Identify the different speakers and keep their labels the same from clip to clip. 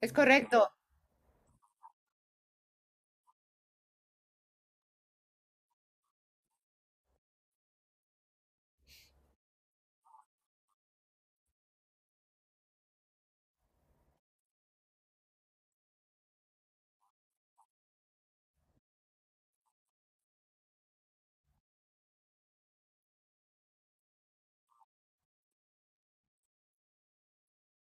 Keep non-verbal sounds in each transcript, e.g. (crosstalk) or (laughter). Speaker 1: Es correcto.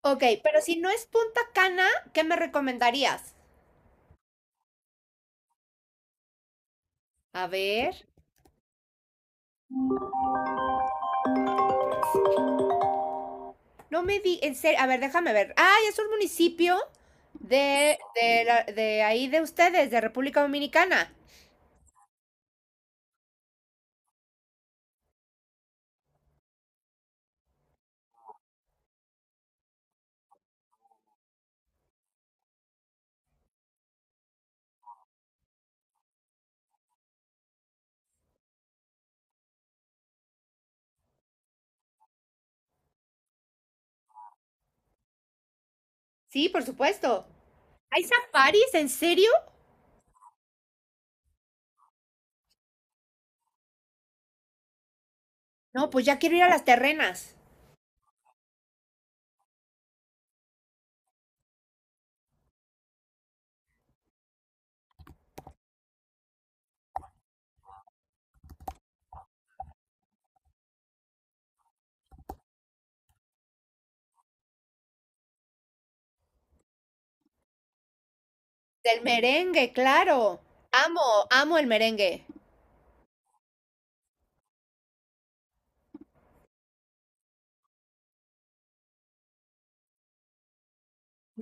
Speaker 1: Ok, pero si no es Punta Cana, ¿qué me recomendarías? A ver, no me di, en serio, a ver, déjame ver. Ay, es un municipio la- de ahí de ustedes, de República Dominicana. Sí, por supuesto. ¿Hay safaris? ¿En serio? No, pues ya quiero ir a las terrenas. Del merengue, claro. Amo, amo el merengue.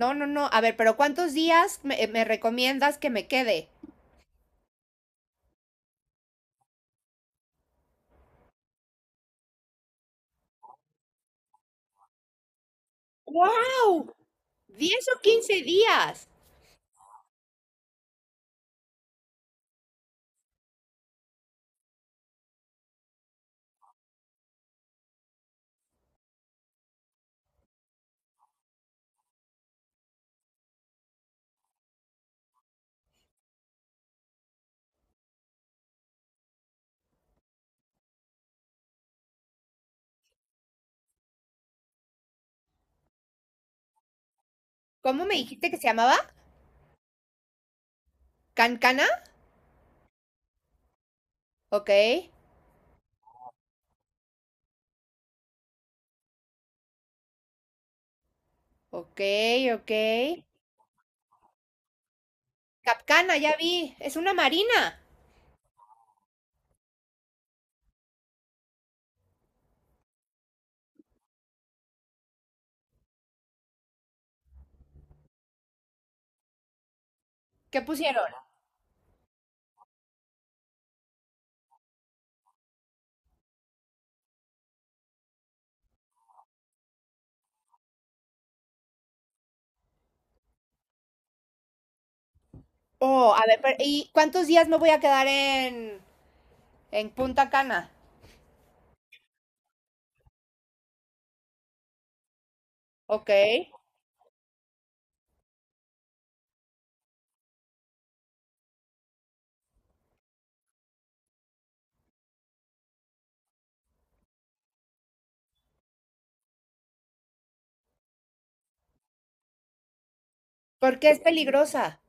Speaker 1: No, no, no. A ver, pero ¿cuántos días me recomiendas que me quede? ¡Wow! ¿10 o 15 días? ¿Cómo me dijiste que se llamaba? ¿Cancana? Ok, ok, ok. Capcana, ya vi. Es una marina. ¿Qué pusieron? Oh, a ver, pero- ¿y cuántos días me voy a quedar en Punta Cana? Ok. ¿Por qué es peligrosa?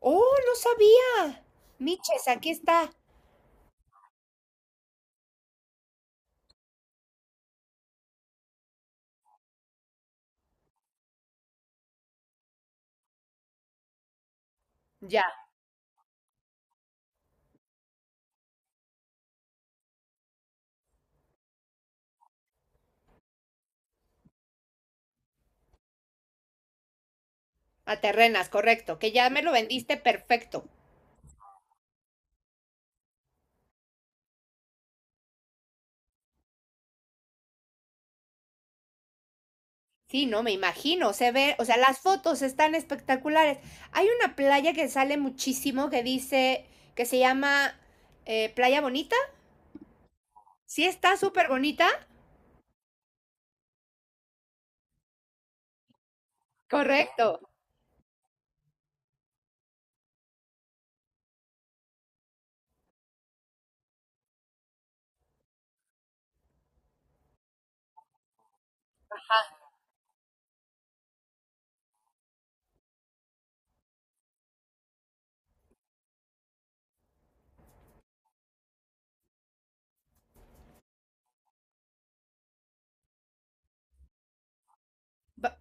Speaker 1: Oh, no sabía. Miches, aquí está. Ya, a terrenas, correcto. Que ya me lo vendiste perfecto. Sí, no, me imagino, se ve, o sea, las fotos están espectaculares. Hay una playa que sale muchísimo que dice, que se llama Playa Bonita. Sí, está súper bonita. Correcto. Ba-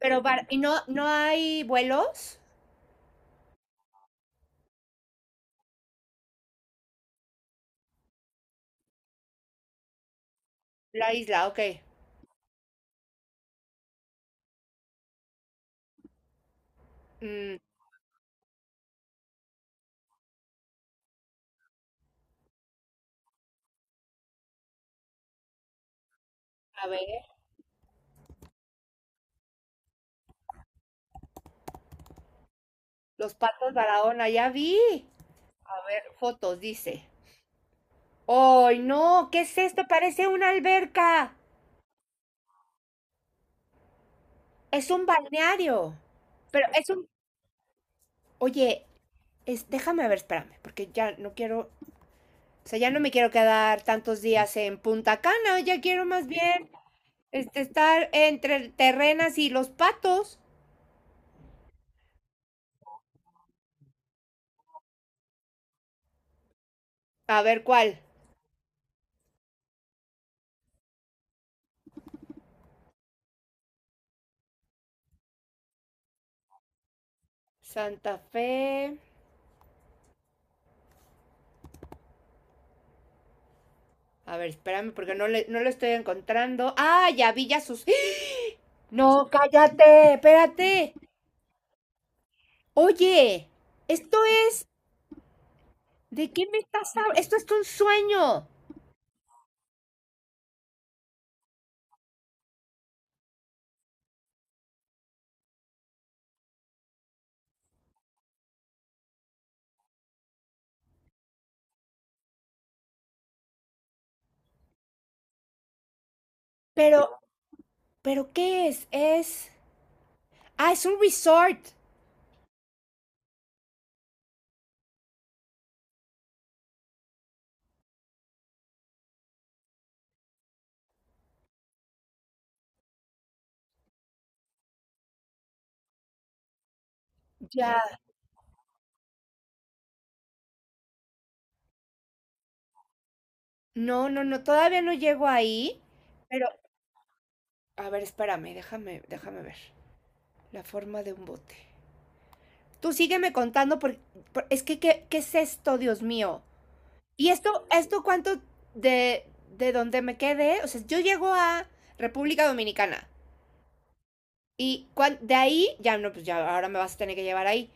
Speaker 1: Pero, bar- ¿y no, no hay vuelos? La isla, ok. Mm, a ver, los patos Barahona, ya vi. A ver, fotos, dice. ¡Ay, no! ¿Qué es esto? Parece una alberca. Es un balneario. Pero es un... Oye, es, déjame ver, espérame, porque ya no quiero, o sea, ya no me quiero quedar tantos días en Punta Cana, ya quiero más bien este, estar entre Terrenas y Los Patos. A ver cuál. Santa Fe. A ver, espérame, porque no lo estoy encontrando. Ah, ya vi ya sus... ¡Ah! No, cállate, espérate. Oye, esto es... ¿De qué me estás hablando? Esto es un sueño. Pero, ¿Pero qué es? Es... Ah, es un resort. Ya. No, no, no, todavía no llego ahí, pero a ver, espérame, déjame ver. La forma de un bote. Tú sígueme contando porque es que ¿qué es esto, Dios mío? ¿Y esto cuánto de de donde me quedé? O sea, yo llego a República Dominicana y cuan- de ahí ya no, pues ya ahora me vas a tener que llevar ahí.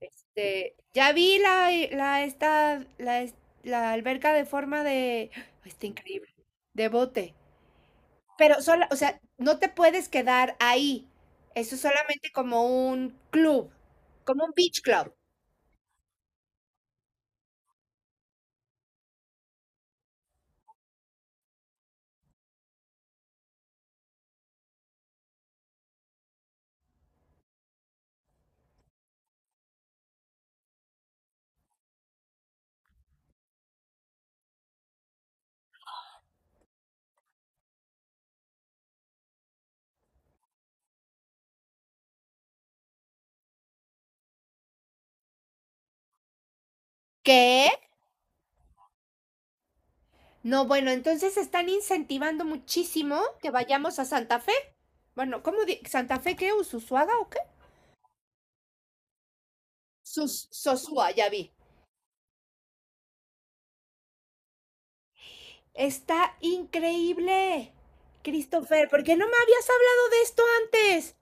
Speaker 1: Este, ya vi es- la alberca de forma de (gasps) ¡ah! Está increíble. De bote. Pero sola, o sea, no te puedes quedar ahí. Eso es solamente como un club, como un beach club. ¿Qué? No, bueno, entonces están incentivando muchísimo que vayamos a Santa Fe. Bueno, ¿cómo di- Santa Fe qué? ¿Usuaga o qué? Sus Sosúa, ya vi. Está increíble. Christopher, ¿por qué no me habías hablado de esto antes?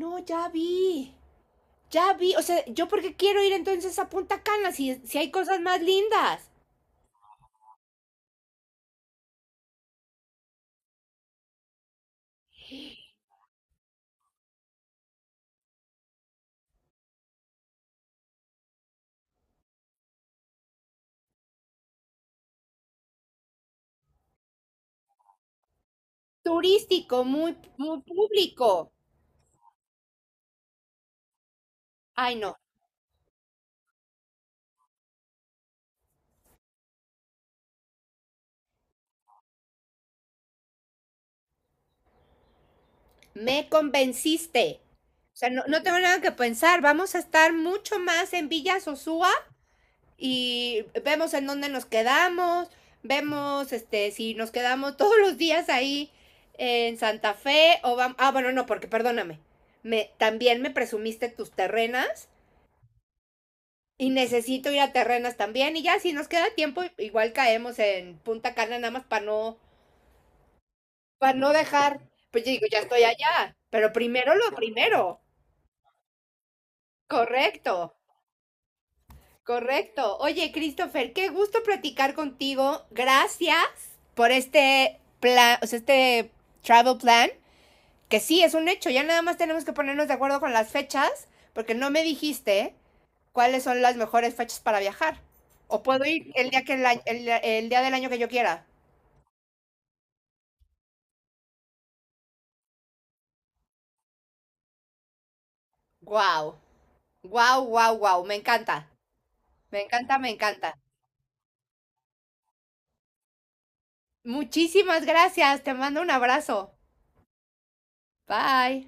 Speaker 1: No, ya vi. Ya vi. O sea, ¿yo por qué quiero ir entonces a Punta Cana si, si hay cosas más lindas? Turístico, muy, muy público. Ay, no, me convenciste. O sea, no, no tengo nada que pensar. Vamos a estar mucho más en Villa Sosúa y vemos en dónde nos quedamos, vemos este si nos quedamos (laughs) todos los días ahí en Santa Fe o vamos... Ah, bueno, no, porque perdóname. También me presumiste tus terrenas y necesito ir a terrenas también y ya si nos queda tiempo igual caemos en Punta Cana nada más para no dejar, pues yo digo, ya estoy allá, pero primero lo primero. Correcto, correcto. Oye, Christopher, qué gusto platicar contigo. Gracias por este plan, o sea, este travel plan, que sí, es un hecho. Ya nada más tenemos que ponernos de acuerdo con las fechas, porque no me dijiste cuáles son las mejores fechas para viajar. O puedo ir el día, que el día del año que yo quiera. Wow, wow, wow, wow. Me encanta, me encanta, me encanta. Muchísimas gracias, te mando un abrazo. Bye.